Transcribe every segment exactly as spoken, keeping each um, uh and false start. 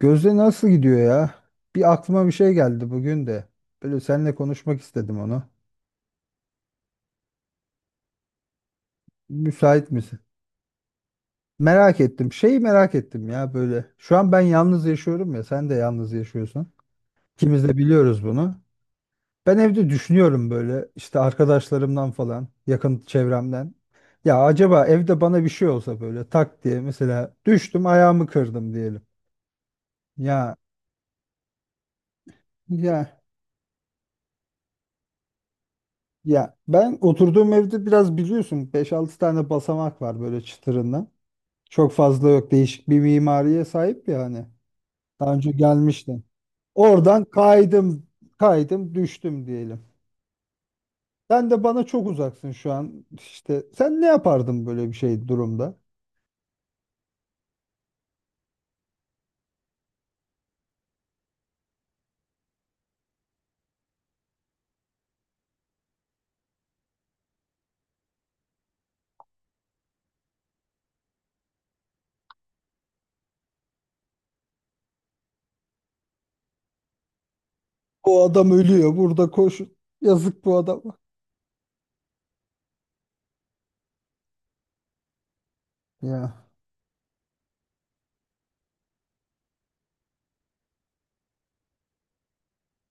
Gözde nasıl gidiyor ya? Bir aklıma bir şey geldi bugün de. Böyle seninle konuşmak istedim onu. Müsait misin? Merak ettim. Şeyi merak ettim ya böyle. Şu an ben yalnız yaşıyorum ya. Sen de yalnız yaşıyorsun. İkimiz de biliyoruz bunu. Ben evde düşünüyorum böyle işte arkadaşlarımdan falan, yakın çevremden. Ya acaba evde bana bir şey olsa böyle tak diye mesela düştüm ayağımı kırdım diyelim. Ya ya ya ben oturduğum evde biraz biliyorsun Beş altı tane basamak var böyle çıtırından. Çok fazla yok. Değişik bir mimariye sahip ya hani. Daha önce gelmiştim. Oradan kaydım, kaydım, düştüm diyelim. Sen de bana çok uzaksın şu an. İşte sen ne yapardın böyle bir şey durumda? O adam ölüyor. Burada koş. Yazık bu adama. Ya.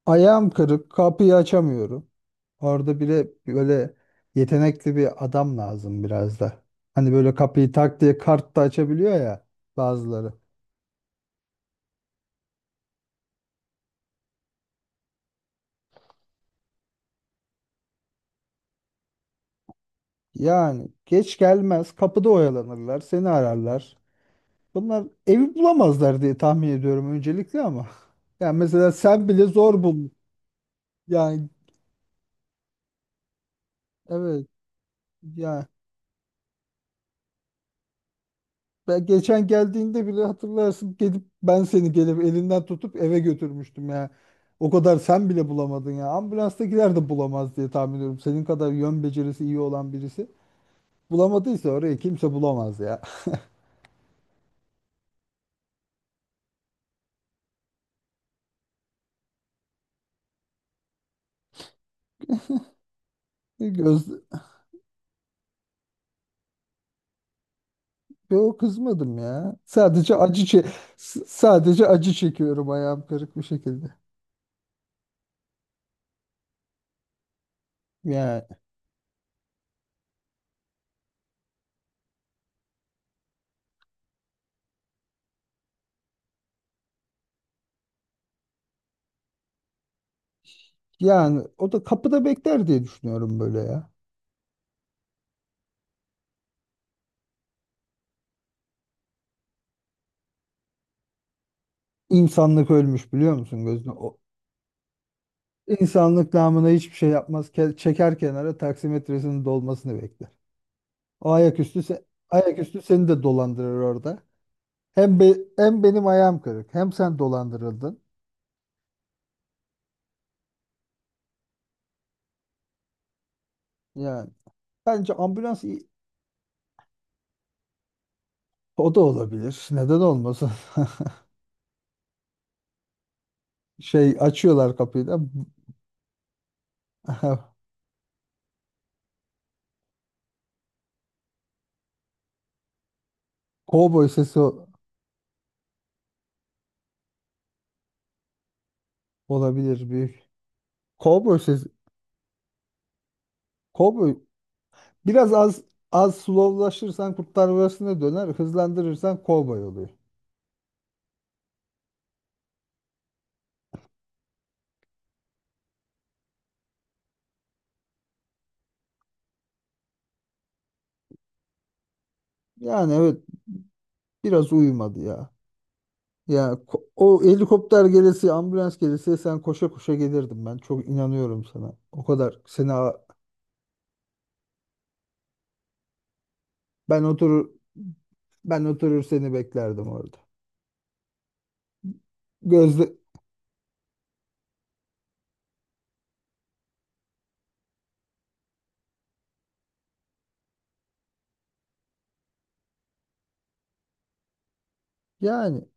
Ayağım kırık. Kapıyı açamıyorum. Orada bile böyle yetenekli bir adam lazım biraz da. Hani böyle kapıyı tak diye kart da açabiliyor ya bazıları. Yani geç gelmez, kapıda oyalanırlar, seni ararlar. Bunlar evi bulamazlar diye tahmin ediyorum öncelikle ama. Yani mesela sen bile zor bul. Yani evet yani ben geçen geldiğinde bile hatırlarsın gelip ben seni gelip elinden tutup eve götürmüştüm ya. O kadar sen bile bulamadın ya. Ambulanstakiler de bulamaz diye tahmin ediyorum. Senin kadar yön becerisi iyi olan birisi bulamadıysa orayı kimse bulamaz ya. Göz, yo kızmadım ya. Sadece acı çe s- sadece acı çekiyorum ayağım kırık bir şekilde. Yani yani o da kapıda bekler diye düşünüyorum böyle ya. İnsanlık ölmüş biliyor musun gözüne? O insanlık namına hiçbir şey yapmaz. Ke- çeker kenara taksimetresinin dolmasını bekler. O ayaküstü se ayaküstü seni de dolandırır orada. Hem be hem benim ayağım kırık hem sen dolandırıldın. Yani bence ambulans iyi- o da olabilir. Neden olmasın? Şey açıyorlar kapıyı da. Aha, cowboy sesi o- olabilir büyük. Cowboy sesi. Cowboy. Biraz az az slowlaşırsan Kurtlar Vadisi'ne döner. Hızlandırırsan cowboy oluyor. Yani evet biraz uyumadı ya. Ya ko- o helikopter gelesi, ambulans gelesi sen koşa koşa gelirdim ben. Çok inanıyorum sana. O kadar seni a- ben oturur ben oturur seni beklerdim orada. Gözle yani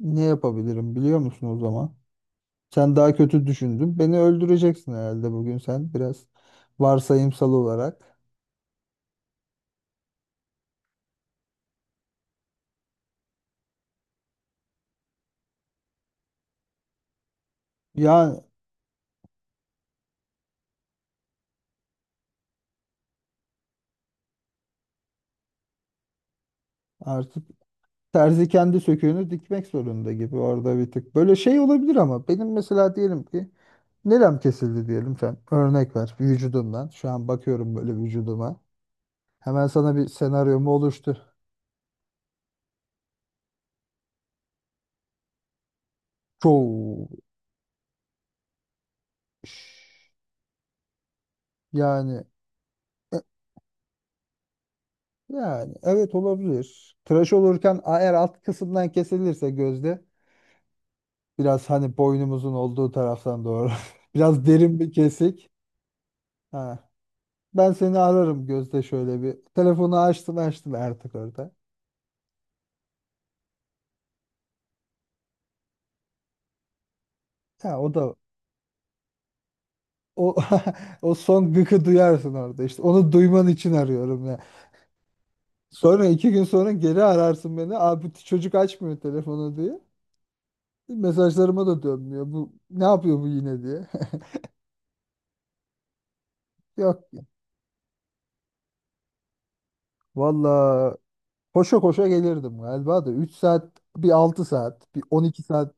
ne yapabilirim biliyor musun o zaman? Sen daha kötü düşündün. Beni öldüreceksin herhalde bugün sen biraz varsayımsal olarak. Yani artık terzi kendi söküğünü dikmek zorunda gibi orada bir tık. Böyle şey olabilir ama benim mesela diyelim ki nerem kesildi diyelim sen. Örnek ver vücudumdan. Şu an bakıyorum böyle vücuduma. Hemen sana bir senaryomu oluştur. Çoğu iş. yani e, yani evet olabilir. Tıraş olurken eğer alt kısımdan kesilirse gözde, biraz hani boynumuzun olduğu taraftan doğru. Biraz derin bir kesik. Ha. Ben seni ararım Gözde şöyle bir. Telefonu açtım açtım artık orada. Ya o da o o son gıkı duyarsın orada işte. Onu duyman için arıyorum ya. Sonra iki gün sonra geri ararsın beni. Abi bu çocuk açmıyor telefonu diye. Mesajlarıma da dönmüyor. Bu ne yapıyor bu yine diye. Yok. Valla koşa koşa gelirdim galiba da üç saat bir altı saat bir on iki saat.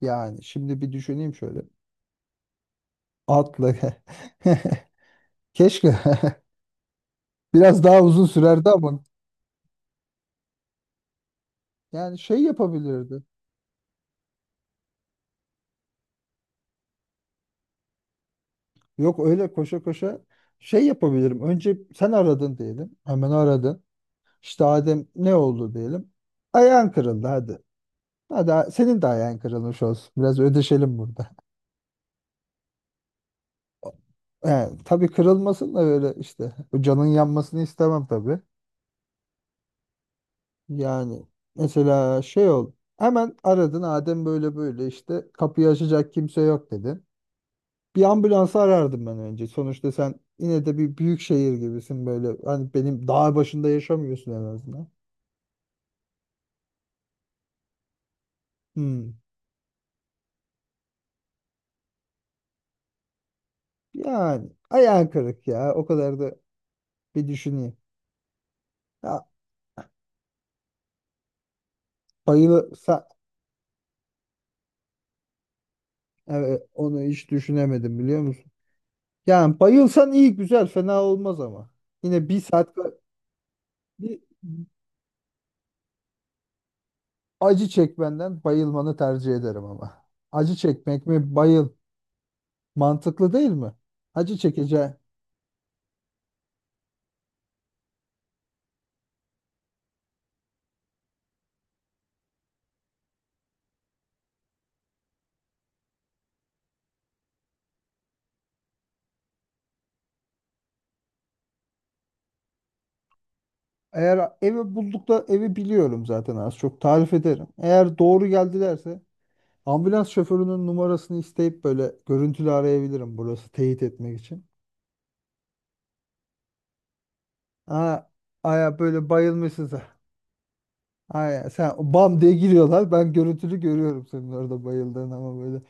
Yani şimdi bir düşüneyim şöyle. Atla. Keşke. Biraz daha uzun sürerdi ama. Yani şey yapabilirdi. Yok öyle koşa koşa şey yapabilirim. Önce sen aradın diyelim. Hemen aradın. İşte Adem ne oldu diyelim. Ayağın kırıldı hadi. Hadi a- senin de ayağın kırılmış olsun. Biraz ödeşelim burada. Yani, tabii kırılmasın da öyle işte. O canın yanmasını istemem tabii. Yani mesela şey ol. Hemen aradın Adem böyle böyle işte kapıyı açacak kimse yok dedi. Bir ambulansı arardım ben önce. Sonuçta sen yine de bir büyük şehir gibisin böyle. Hani benim dağ başında yaşamıyorsun en azından. Hmm. Yani ayağın kırık ya. O kadar da bir düşüneyim. Ya bayılırsa evet, onu hiç düşünemedim biliyor musun? Yani bayılsan iyi güzel fena olmaz ama. Yine bir saat bir, acı çekmenden bayılmanı tercih ederim ama. Acı çekmek mi bayıl? Mantıklı değil mi? Acı çekeceğim. Eğer evi bulduk da evi biliyorum zaten az çok tarif ederim. Eğer doğru geldilerse ambulans şoförünün numarasını isteyip böyle görüntülü arayabilirim burası teyit etmek için. Aa, aya böyle bayılmışsın sen. Aya sen bam diye giriyorlar. Ben görüntülü görüyorum senin orada bayıldığın ama böyle.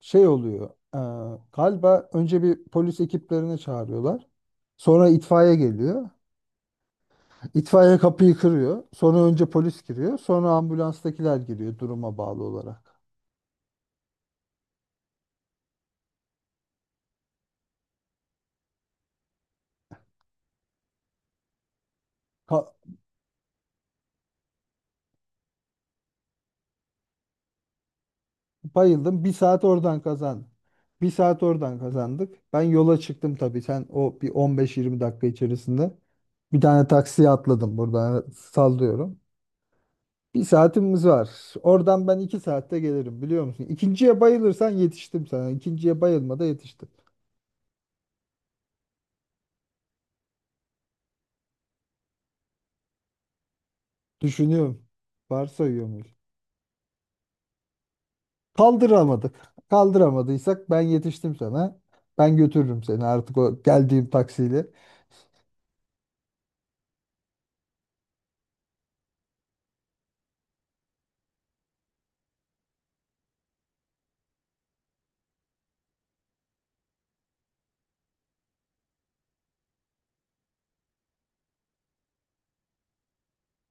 Şey oluyor. e, Galiba önce bir polis ekiplerini çağırıyorlar. Sonra itfaiye geliyor. İtfaiye kapıyı kırıyor. Sonra önce polis giriyor. Sonra ambulanstakiler giriyor duruma bağlı olarak. Ka- Bayıldım. Bir saat oradan kazandım. Bir saat oradan kazandık. Ben yola çıktım tabii. Sen o bir on beş yirmi dakika içerisinde. Bir tane taksiye atladım buradan sallıyorum. Bir saatimiz var. Oradan ben iki saatte gelirim biliyor musun? İkinciye bayılırsan yetiştim sana. İkinciye bayılmada yetiştim. Düşünüyorum. Varsayıyor muyuz? Kaldıramadık. Kaldıramadıysak ben yetiştim sana. Ben götürürüm seni artık o geldiğim taksiyle.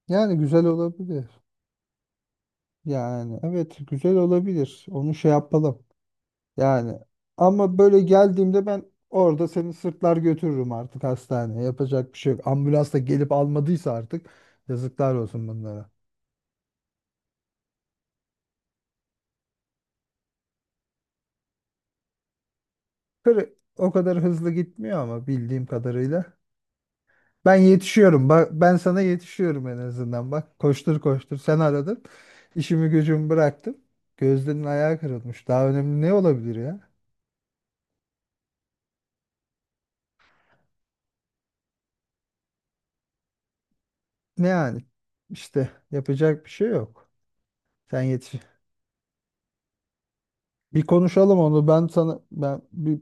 Yani güzel olabilir. Yani evet güzel olabilir. Onu şey yapalım. Yani ama böyle geldiğimde ben orada seni sırtlar götürürüm artık hastaneye. Yapacak bir şey yok. Ambulans da gelip almadıysa artık yazıklar olsun bunlara. Kır O kadar hızlı gitmiyor ama bildiğim kadarıyla. Ben yetişiyorum. Bak ben sana yetişiyorum en azından. Bak koştur koştur sen aradın. İşimi gücümü bıraktım. Gözlerinin ayağı kırılmış. Daha önemli ne olabilir ya? Ne yani? İşte yapacak bir şey yok. Sen yetiş. Bir konuşalım onu. Ben sana ben bir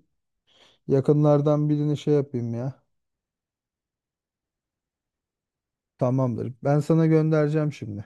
yakınlardan birini şey yapayım ya. Tamamdır. Ben sana göndereceğim şimdi.